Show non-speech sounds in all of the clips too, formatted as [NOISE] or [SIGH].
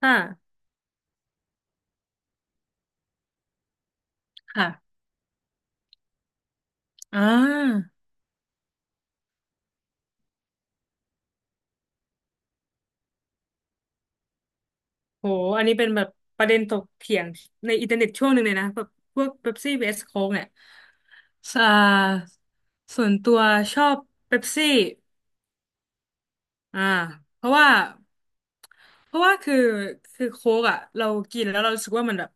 ค่ะค่ะอ่าโหอันนี้เป็นแบบประเด็นถกเถียงในอินเทอร์เน็ตช่วงหนึ่งเลยนะแบบพวกเป๊ปซี่ vs โค้กเนี่ยอ่าส่วนตัวชอบเป๊ปซี่อ่าเพราะว่า เพราะว่าคือโค้กอ่ะเรากินแล้วเรารู้สึกว่ามันแบบ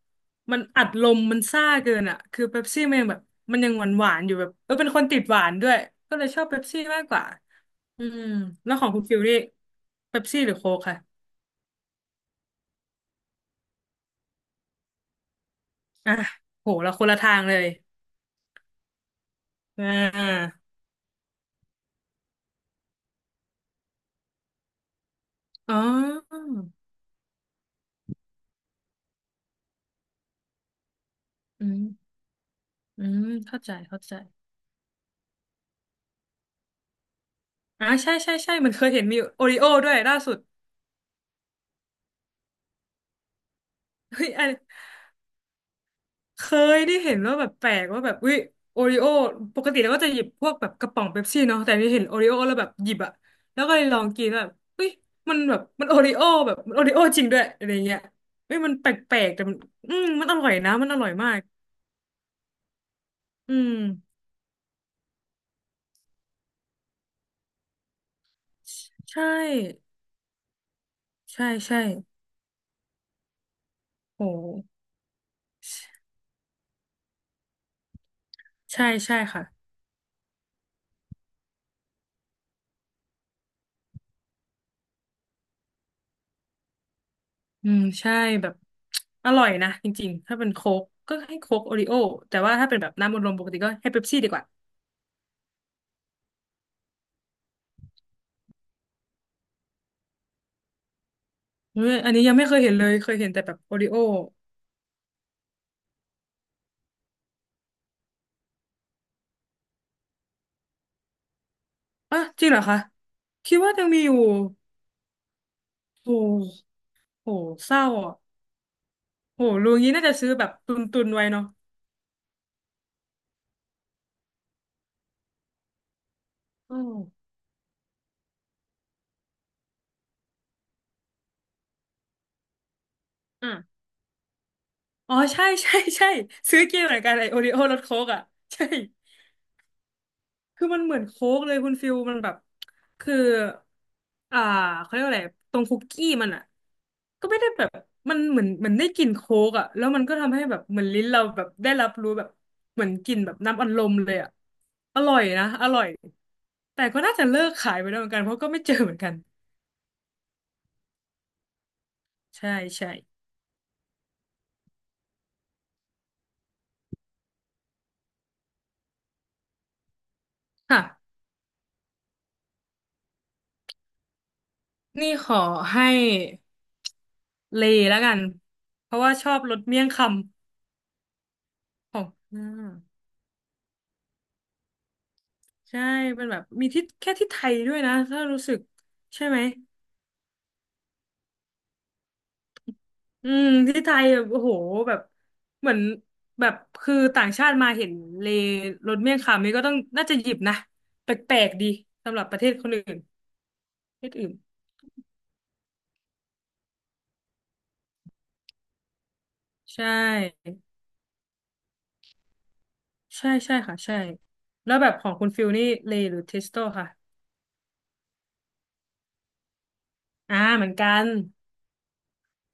มันอัดลมมันซ่าเกินอ่ะคือเป๊ปซี่มันยังแบบมันยังหวานหวานอยู่แบบเป็นคนติดหวานด้วยก็เลยชอบเป๊ปซี่มากกว่าอืมแล้วของคุณฟิลนี่เป๊ปซี่หรือโค้กค่ะ อ่ะโหเราคนละทางเลยอ่าอ๋ออืมอืมเข้าใจเข้าใจใช่ใช่ใช่มันเคยเห็นมีโอริโอด้วยล่าสุดเฮ้ยอันเคยได้เห็นว่าแบบแปลกว่าแบบวิโอริโอปกติเราก็จะหยิบพวกแบบกระป๋องเป๊ปซี่เนาะแต่นี่เห็นโอริโอแล้วแบบหยิบอะแล้วก็เลยลองกินแล้วแบบเฮ้ยมันแบบมันโอริโอแบบมันโอริโอจริงด้วยอะไรเงี้ยเฮ้ยมันแปลกๆแต่มันอืมมันอร่อยนะมันอร่อยมากอืมใช่ใช่ใช่โห ใช่ใช่ค่ะอืมใช่แบบ [TSK] อร่อยนะจริงๆถ้าเป็นโค้กก็ให้โค้กโอริโอแต่ว่าถ้าเป็นแบบน้ำอัดลมปกติก็ให้เป๊ปซี่ดีกว่าอันนี้ยังไม่เคยเห็นเลยเคยเห็นแต่แบบโอริโออ่ะจริงเหรอคะคิดว่ายังมีอยู่โอ้โหเศร้าอ่ะโหรู้งี้น่าจะซื้อแบบตุนตุนไว้เนาะอืออ่ะอ๋อใช่ใช่ใช่ซื้อกินเหมือนกันไอโอริโอรสโค้กอ่ะใช่ คือมันเหมือนโค้กเลยคุณฟิลมันแบบคืออ่าเขาเรียกว่าอะไรตรงคุกกี้มันอ่ะก็ไม่ได้แบบมันเหมือนได้กลิ่นโค้กอ่ะแล้วมันก็ทำให้แบบเหมือนลิ้นเราแบบได้รับรู้แบบเหมือนกลิ่นแบบน้ำอัดลมเลยอ่ะอร่อยนะอร่อยแต่ก็น่าจะเลิกขายไปแล้วเหมือนกันเพราะก็ไม่เจอเหมือนกันใช่ใช่ค่ะนี่ขอให้เลแล้วกันเพราะว่าชอบรสเมี่ยงคำของหน้า ใช่มันแบบมีที่แค่ที่ไทยด้วยนะถ้ารู้สึกใช่ไหมอืมที่ไทยแบบโอ้โหแบบเหมือนแบบคือต่างชาติมาเห็นเลรถเมี่ยงคำนี่ก็ต้องน่าจะหยิบนะแปลกๆดีสำหรับประเทศคนอื่นประเทศอื่นใช่ใช่ใช่ค่ะใช่แล้วแบบของคุณฟิลนี่เลหรือเทสโตค่ะเหมือนกัน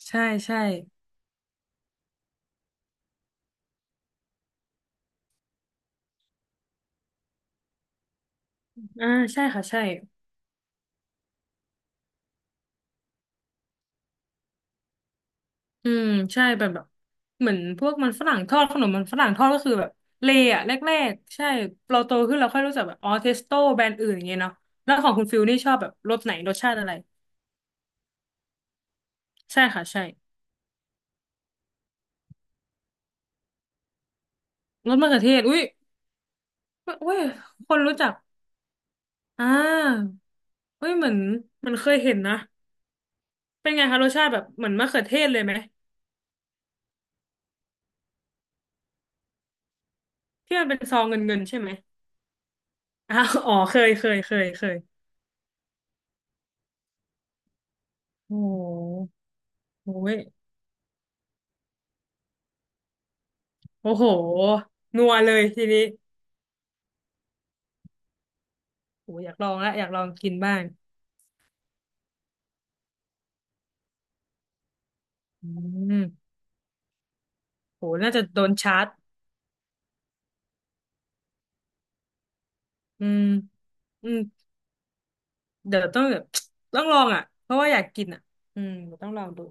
ใช่ใช่อ่าใช่ค่ะใช่ อืมใช่แบบแบบเหมือนพวกมันฝรั่งทอดขนมมันฝรั่งทอดก็คือแบบเลอะแรกๆใช่เราโตขึ้นเราค่อยรู้จักแบบอ๋อเทสโต้แบรนด์อื่นอย่างเงี้ยเนาะแล้วของคุณฟิลนี่ชอบแบบรสไหนรสชาติอะไรใช่ค่ะใช่รสมะเขือเทศอุ้ยอุ้ยคนรู้จักอ่าอุ้ยเหมือนเหมันเคยเห็นนะเป็นไงคะรสชาติแบบเหมือนมะเขือเทศเลยไหมที่มันเป็นซองเงินๆใช่ไหมอ้าวอ๋อเคยเคยเคยเคยโอ้โหโอ้ยโอ้โหนัวเลยทีนี้ โหอยากลองละอยากลองกินบ้างอืมโหน่าจะโดนชาร์จอืมอืมเดี๋ยวต้องแบบต้องลองอ่ะเพราะว่าอยากกินอ่ะอืมเดี๋ยวต้องลองดู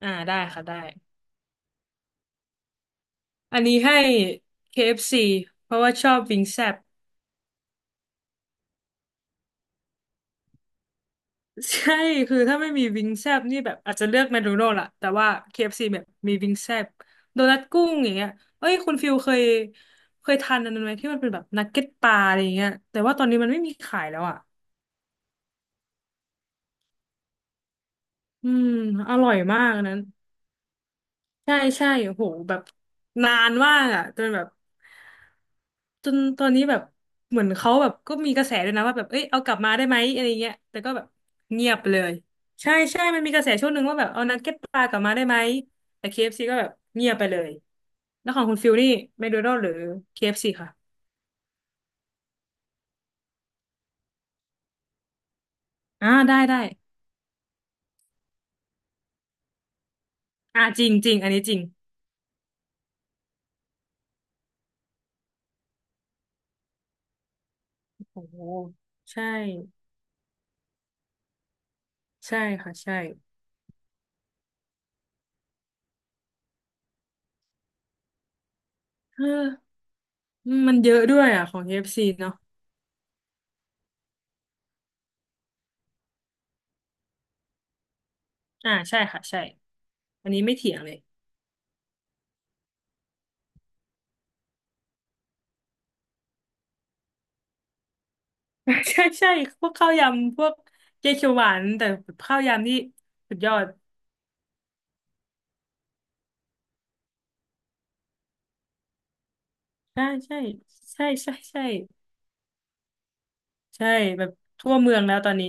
ได้ค่ะได้อันนี้ให้ KFC เอฟซีเพราะว่าชอบวิงแซบ [LAUGHS] ใช่คือถ้าไม่มีวิงแซบนี่แบบอาจจะเลือกแมคโดนัลด์ละแต่ว่า KFC แบบมีวิงแซบโดนัทกุ้งอย่างเงี้ยเอ้ยคุณฟิลเคยทานอันนั้นไหมที่มันเป็นแบบนักเก็ตปลาอะไรอย่างเงี้ยแต่ว่าตอนนี้มันไม่มีขายแล้วอ่ะอืมอร่อยมากอันนั้น ใช่ใช่โหแบบนานมากอ่ะจนแบบจนตอนนี้แบบเหมือนเขาแบบก็มีกระแสด้วยนะว่าแบบเอ้ยเอากลับมาได้ไหมอะไรเงี้ยแต่ก็แบบเงียบไปเลยใช่ใช่มันมีกระแสช่วงหนึ่งว่าแบบเอานักเก็ตปลากลับมาได้ไหมแต่ KFC ก็แบบเงียบไปเลยแล้วของคุณฟิลนี่แมคโดนัลด์หรือ KFC คเอฟซีค่ะได้ได้จริงจริงอันนี้จริงโอ้โหใช่ใช่ค่ะใช่เออมันเยอะด้วยอ่ะของ KFC เอฟซีเนาะใช่ค่ะใช่ อันนี้ไม่เถียงเลย [LAUGHS] ใช่ใช่พวกข้าวยำพวกเกยวเขียวหวานแต่ข้าวยำนี่สุดยอดใช่ใช่ใช่ใช่ใช่ใช่แบบทั่วเมืองแล้วตอนนี้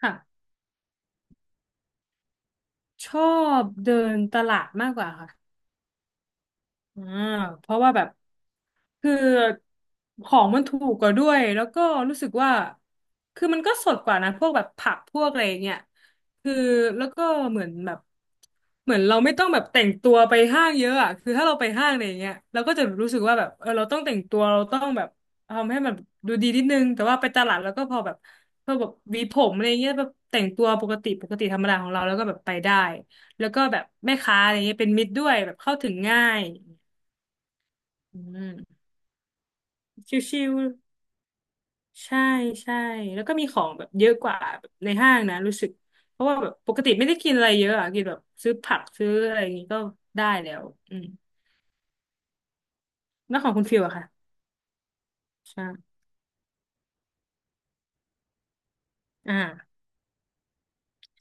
ค่ะชอบเดินตลาดมากกว่าค่ะ อ่าเพราะว่าแบบคือของมันถูกกว่าด้วยแล้วก็รู้สึกว่าคือมันก็สดกว่านะพวกแบบผักพวกอะไรอย่างเงี้ยคือแล้วก็เหมือนแบบเหมือนเราไม่ต้องแบบแต่งตัวไปห้างเยอะอ่ะคือถ้าเราไปห้างอะไรอย่างเงี้ยเราก็จะรู้สึกว่าแบบเราต้องแต่งตัวเราต้องแบบทำให้มันดูดีนิดนึงแต่ว่าไปตลาดแล้วก็พอแบบหวีผมอะไรเงี้ยแบบแต่งตัวปกติธรรมดาของเราแล้วก็แบบไปได้แล้วก็แบบแม่ค้าอะไรเงี้ยเป็นมิตรด้วยแบบเข้าถึงง่าย อืมชิวๆ ใช่ใช่แล้วก็มีของแบบเยอะกว่าแบบในห้างนะรู้สึกเพราะว่าแบบปกติไม่ได้กินอะไรเยอะอะกินแบบซื้อผักซื้ออะไรอย่างงี้ก็ได้แล้วอืมแล้วของคุณฟิลอะค่ะใช่อ่า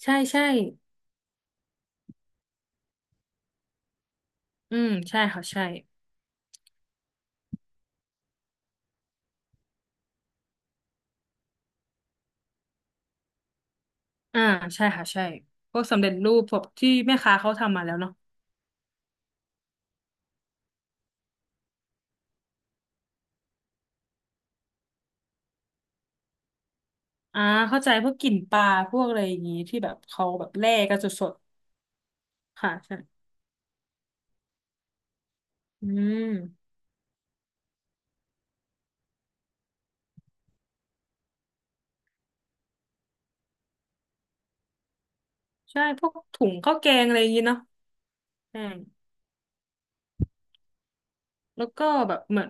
ใช่ใช่อืมใช่ค่ะใช่อ่าใช่ค่ะใช่พวกสำเร็จรูปพวกที่แม่ค้าเขาทำมาแล้วเนาะอ่าเข้าใจพวกกลิ่นปลาพวกอะไรอย่างงี้ที่แบบเขาแบบแล่กันสดๆค่ะใช่อืมใช่พวกถุงข้าวแกงอะไรอย่างงี้เนาะใช่ แล้วก็แบบเหมือน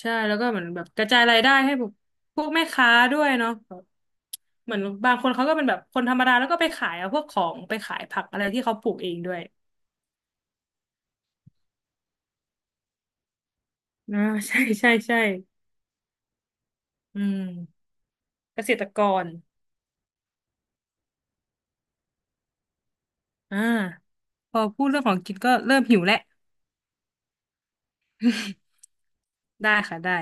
ใช่แล้วก็เหมือนแบบกระจายรายได้ให้พวกแม่ค้าด้วยเนาะแบบเหมือนบางคนเขาก็เป็นแบบคนธรรมดาแล้วก็ไปขายเอาพวกของไปขายผักอะไรที่เขาปลูกเองด้วยอ่า [LAUGHS] ใช่ใช่ใช่อืมเกษตรกรอ่าพอพูดเรื่องของกินก็เริ่มหิวแล้ว [LAUGHS] ได้ค่ะได้